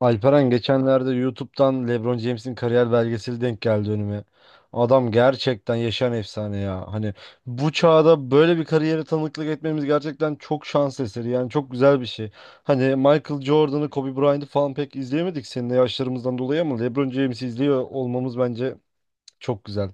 Alperen, geçenlerde YouTube'dan LeBron James'in kariyer belgeseli denk geldi önüme. Adam gerçekten yaşayan efsane ya. Hani bu çağda böyle bir kariyere tanıklık etmemiz gerçekten çok şans eseri. Yani çok güzel bir şey. Hani Michael Jordan'ı, Kobe Bryant'ı falan pek izleyemedik seninle yaşlarımızdan dolayı, ama LeBron James'i izliyor olmamız bence çok güzel.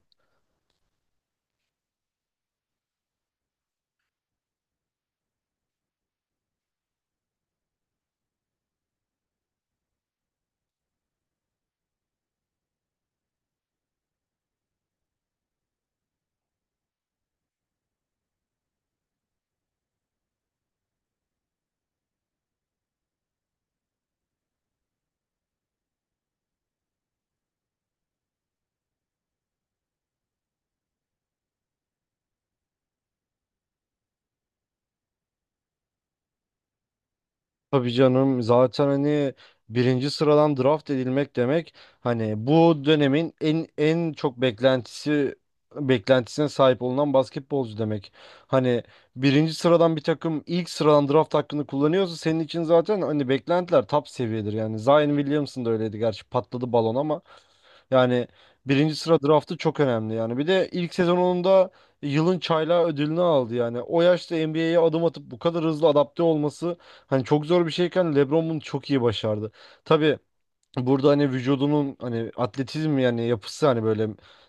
Tabii canım, zaten hani birinci sıradan draft edilmek demek hani bu dönemin en çok beklentisine sahip olunan basketbolcu demek. Hani birinci sıradan bir takım ilk sıradan draft hakkını kullanıyorsa senin için zaten hani beklentiler top seviyedir yani. Zion Williamson da öyleydi, gerçi patladı balon, ama yani birinci sıra draftı çok önemli yani. Bir de ilk sezonunda Yılın Çaylağı ödülünü aldı yani. O yaşta NBA'ye adım atıp bu kadar hızlı adapte olması hani çok zor bir şeyken LeBron bunu çok iyi başardı. Tabii, burada hani vücudunun, hani atletizm yani yapısı, hani böyle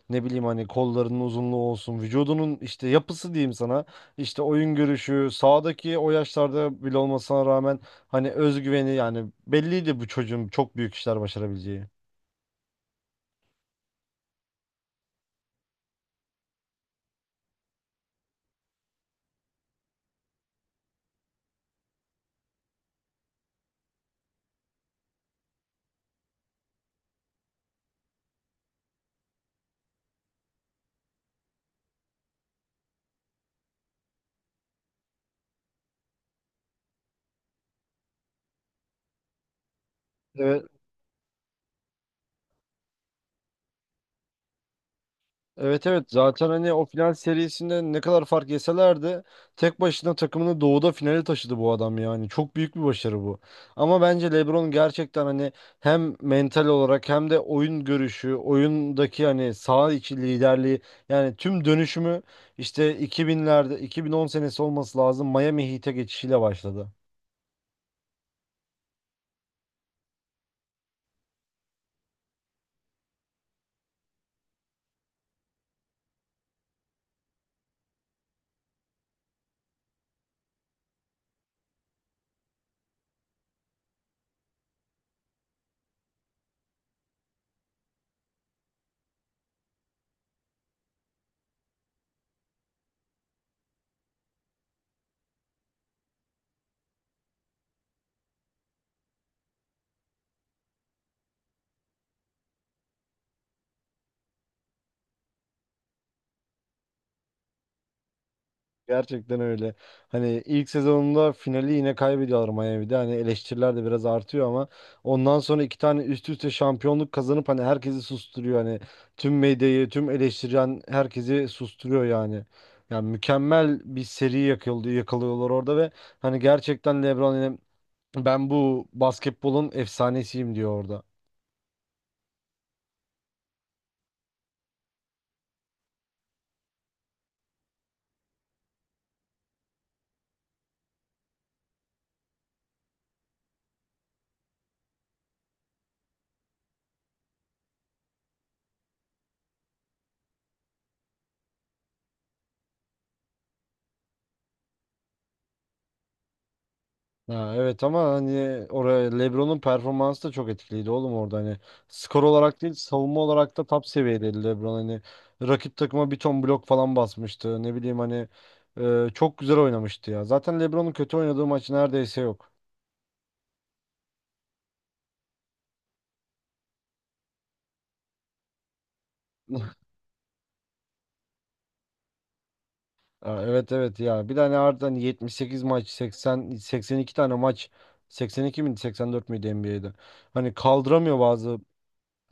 ne bileyim hani kollarının uzunluğu olsun, vücudunun işte yapısı diyeyim sana, işte oyun görüşü sağdaki o yaşlarda bile olmasına rağmen hani özgüveni, yani belliydi bu çocuğun çok büyük işler başarabileceği. Evet evet, zaten hani o final serisinde ne kadar fark yeselerdi tek başına takımını doğuda finale taşıdı bu adam yani. Çok büyük bir başarı bu. Ama bence LeBron gerçekten hani hem mental olarak hem de oyun görüşü, oyundaki hani saha içi liderliği, yani tüm dönüşümü işte 2000'lerde, 2010 senesi olması lazım, Miami Heat'e geçişiyle başladı. Gerçekten öyle. Hani ilk sezonunda finali yine kaybediyorlar Miami'de. Hani eleştiriler de biraz artıyor ama ondan sonra iki tane üst üste şampiyonluk kazanıp hani herkesi susturuyor. Hani tüm medyayı, tüm eleştiren herkesi susturuyor yani. Yani mükemmel bir seri yakalıyorlar orada ve hani gerçekten LeBron hani ben bu basketbolun efsanesiyim diyor orada. Ha, evet, ama hani oraya LeBron'un performansı da çok etkiliydi oğlum, orada hani skor olarak değil savunma olarak da top seviyedeydi LeBron, hani rakip takıma bir ton blok falan basmıştı ne bileyim hani, çok güzel oynamıştı ya, zaten LeBron'un kötü oynadığı maç neredeyse yok. Ha, evet evet ya, bir tane harbiden 78 maç, 80, 82 tane maç, 82 miydi 84 müydü NBA'de hani kaldıramıyor bazı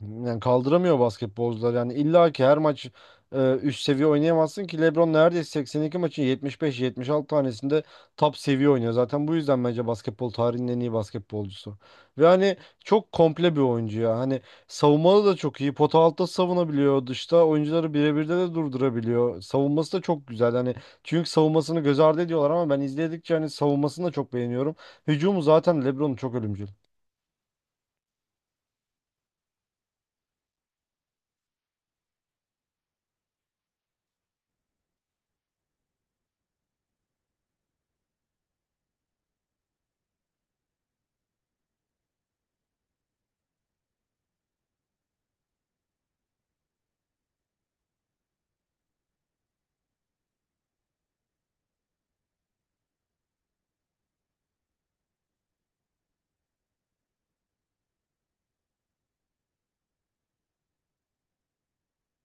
Yani kaldıramıyor basketbolcular. Yani illa ki her maç üst seviye oynayamazsın ki, LeBron neredeyse 82 maçın 75-76 tanesinde top seviye oynuyor. Zaten bu yüzden bence basketbol tarihinin en iyi basketbolcusu. Ve hani çok komple bir oyuncu ya. Hani savunmalı da çok iyi. Pota altta savunabiliyor. Dışta oyuncuları birebirde de durdurabiliyor. Savunması da çok güzel. Hani çünkü savunmasını göz ardı ediyorlar ama ben izledikçe hani savunmasını da çok beğeniyorum. Hücumu zaten LeBron'un çok ölümcül.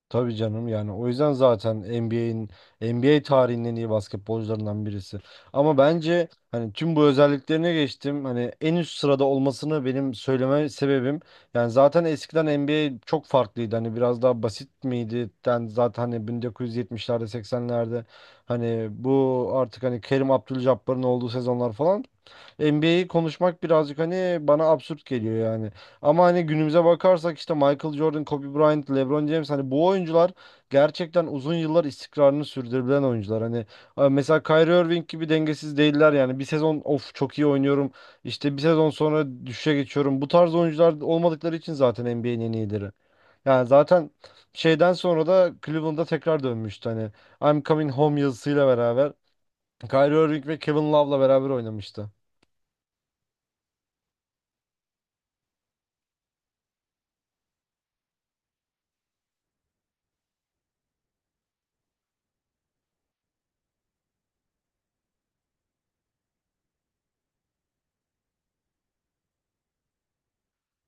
Tabii canım, yani o yüzden zaten NBA tarihinin en iyi basketbolcularından birisi. Ama bence hani tüm bu özelliklerine geçtim. Hani en üst sırada olmasını benim söyleme sebebim, yani zaten eskiden NBA çok farklıydı. Hani biraz daha basit miydi? Yani zaten hani 1970'lerde, 80'lerde, hani bu artık hani Kerim Abdul-Jabbar'ın olduğu sezonlar falan, NBA'yi konuşmak birazcık hani bana absürt geliyor yani. Ama hani günümüze bakarsak, işte Michael Jordan, Kobe Bryant, LeBron James, hani bu oyuncular gerçekten uzun yıllar istikrarını sürdürebilen oyuncular. Hani mesela Kyrie Irving gibi dengesiz değiller yani. Bir sezon of çok iyi oynuyorum, işte bir sezon sonra düşüşe geçiyorum. Bu tarz oyuncular olmadıkları için zaten NBA'nin en iyileri. Yani zaten şeyden sonra da Cleveland'a tekrar dönmüştü hani, I'm Coming Home yazısıyla beraber. Kyrie Irving ve Kevin Love'la beraber oynamıştı.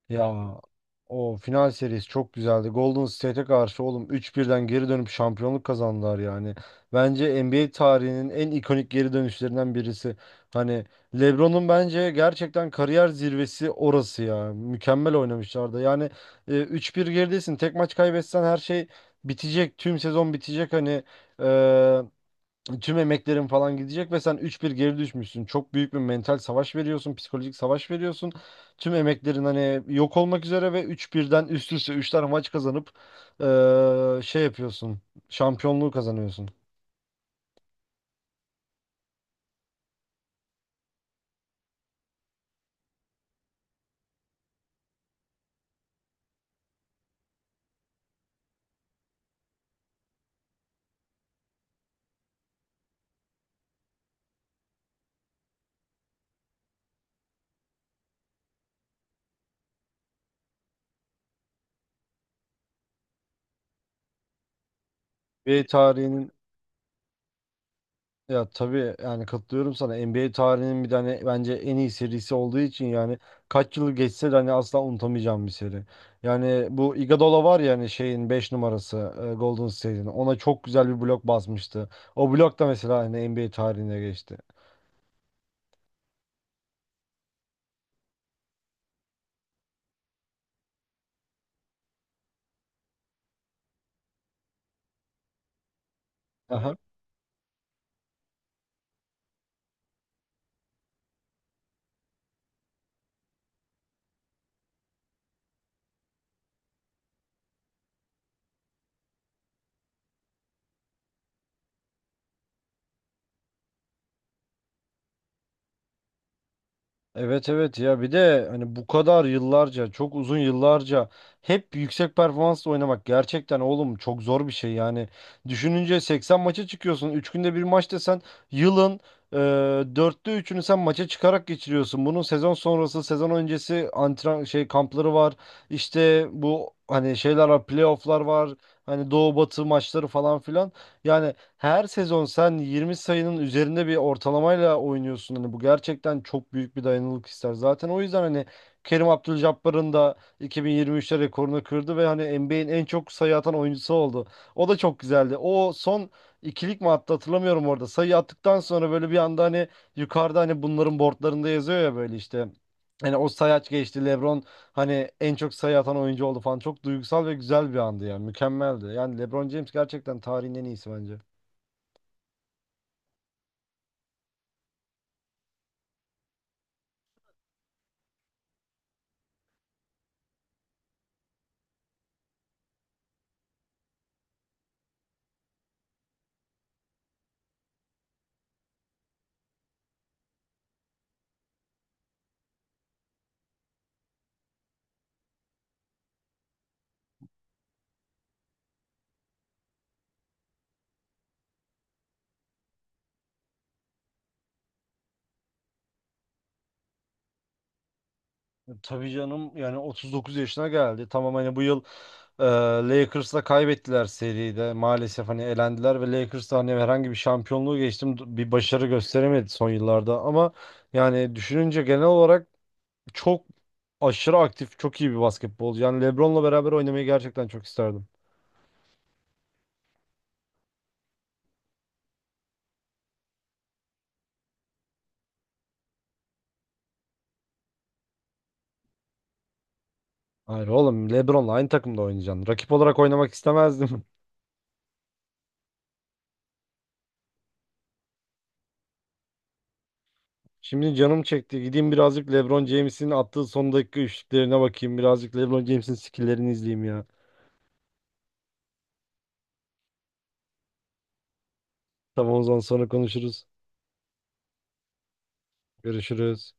Ya o final serisi çok güzeldi. Golden State'e karşı oğlum üç birden geri dönüp şampiyonluk kazandılar yani. Bence NBA tarihinin en ikonik geri dönüşlerinden birisi. Hani LeBron'un bence gerçekten kariyer zirvesi orası ya. Mükemmel oynamışlardı. Yani 3-1 geridesin. Tek maç kaybetsen her şey bitecek. Tüm sezon bitecek hani. e, Tüm emeklerin falan gidecek ve sen üç bir geri düşmüşsün. Çok büyük bir mental savaş veriyorsun, psikolojik savaş veriyorsun. Tüm emeklerin hani yok olmak üzere ve üç birden üst üste üç tane maç kazanıp şey yapıyorsun. Şampiyonluğu kazanıyorsun. Ve tarihinin Ya tabii, yani katılıyorum sana. NBA tarihinin bir tane bence en iyi serisi olduğu için yani, kaç yıl geçse de hani asla unutamayacağım bir seri. Yani bu Iguodala var ya, hani şeyin 5 numarası, Golden State'in. Ona çok güzel bir blok basmıştı. O blok da mesela hani NBA tarihine geçti. Evet evet ya, bir de hani bu kadar yıllarca, çok uzun yıllarca hep yüksek performansla oynamak gerçekten oğlum çok zor bir şey yani. Düşününce 80 maça çıkıyorsun, 3 günde bir maç desen yılın e, 4'te 3'ünü sen maça çıkarak geçiriyorsun. Bunun sezon sonrası, sezon öncesi antren şey kampları var, işte bu hani şeyler var, playofflar var, hani doğu batı maçları falan filan. Yani her sezon sen 20 sayının üzerinde bir ortalamayla oynuyorsun. Hani bu gerçekten çok büyük bir dayanıklılık ister. Zaten o yüzden hani Kerim Abdul-Jabbar'ın da 2023'te rekorunu kırdı ve hani NBA'in en çok sayı atan oyuncusu oldu. O da çok güzeldi. O son ikilik mi attı hatırlamıyorum orada. Sayı attıktan sonra böyle bir anda hani yukarıda hani bunların boardlarında yazıyor ya böyle işte. Hani o sayaç geçti, LeBron hani en çok sayı atan oyuncu oldu falan. Çok duygusal ve güzel bir andı yani. Mükemmeldi. Yani LeBron James gerçekten tarihin en iyisi bence. Tabii canım, yani 39 yaşına geldi. Tamam hani bu yıl e, Lakers'la kaybettiler seride. Maalesef hani elendiler ve Lakers da hani herhangi bir şampiyonluğu geçtim bir başarı gösteremedi son yıllarda, ama yani düşününce genel olarak çok aşırı aktif, çok iyi bir basketbolcu. Yani LeBron'la beraber oynamayı gerçekten çok isterdim. Hayır oğlum, LeBron'la aynı takımda oynayacaksın. Rakip olarak oynamak istemezdim. Şimdi canım çekti. Gideyim birazcık LeBron James'in attığı son dakika üçlüklerine bakayım. Birazcık LeBron James'in skill'lerini izleyeyim ya. Tamam, o zaman sonra konuşuruz. Görüşürüz.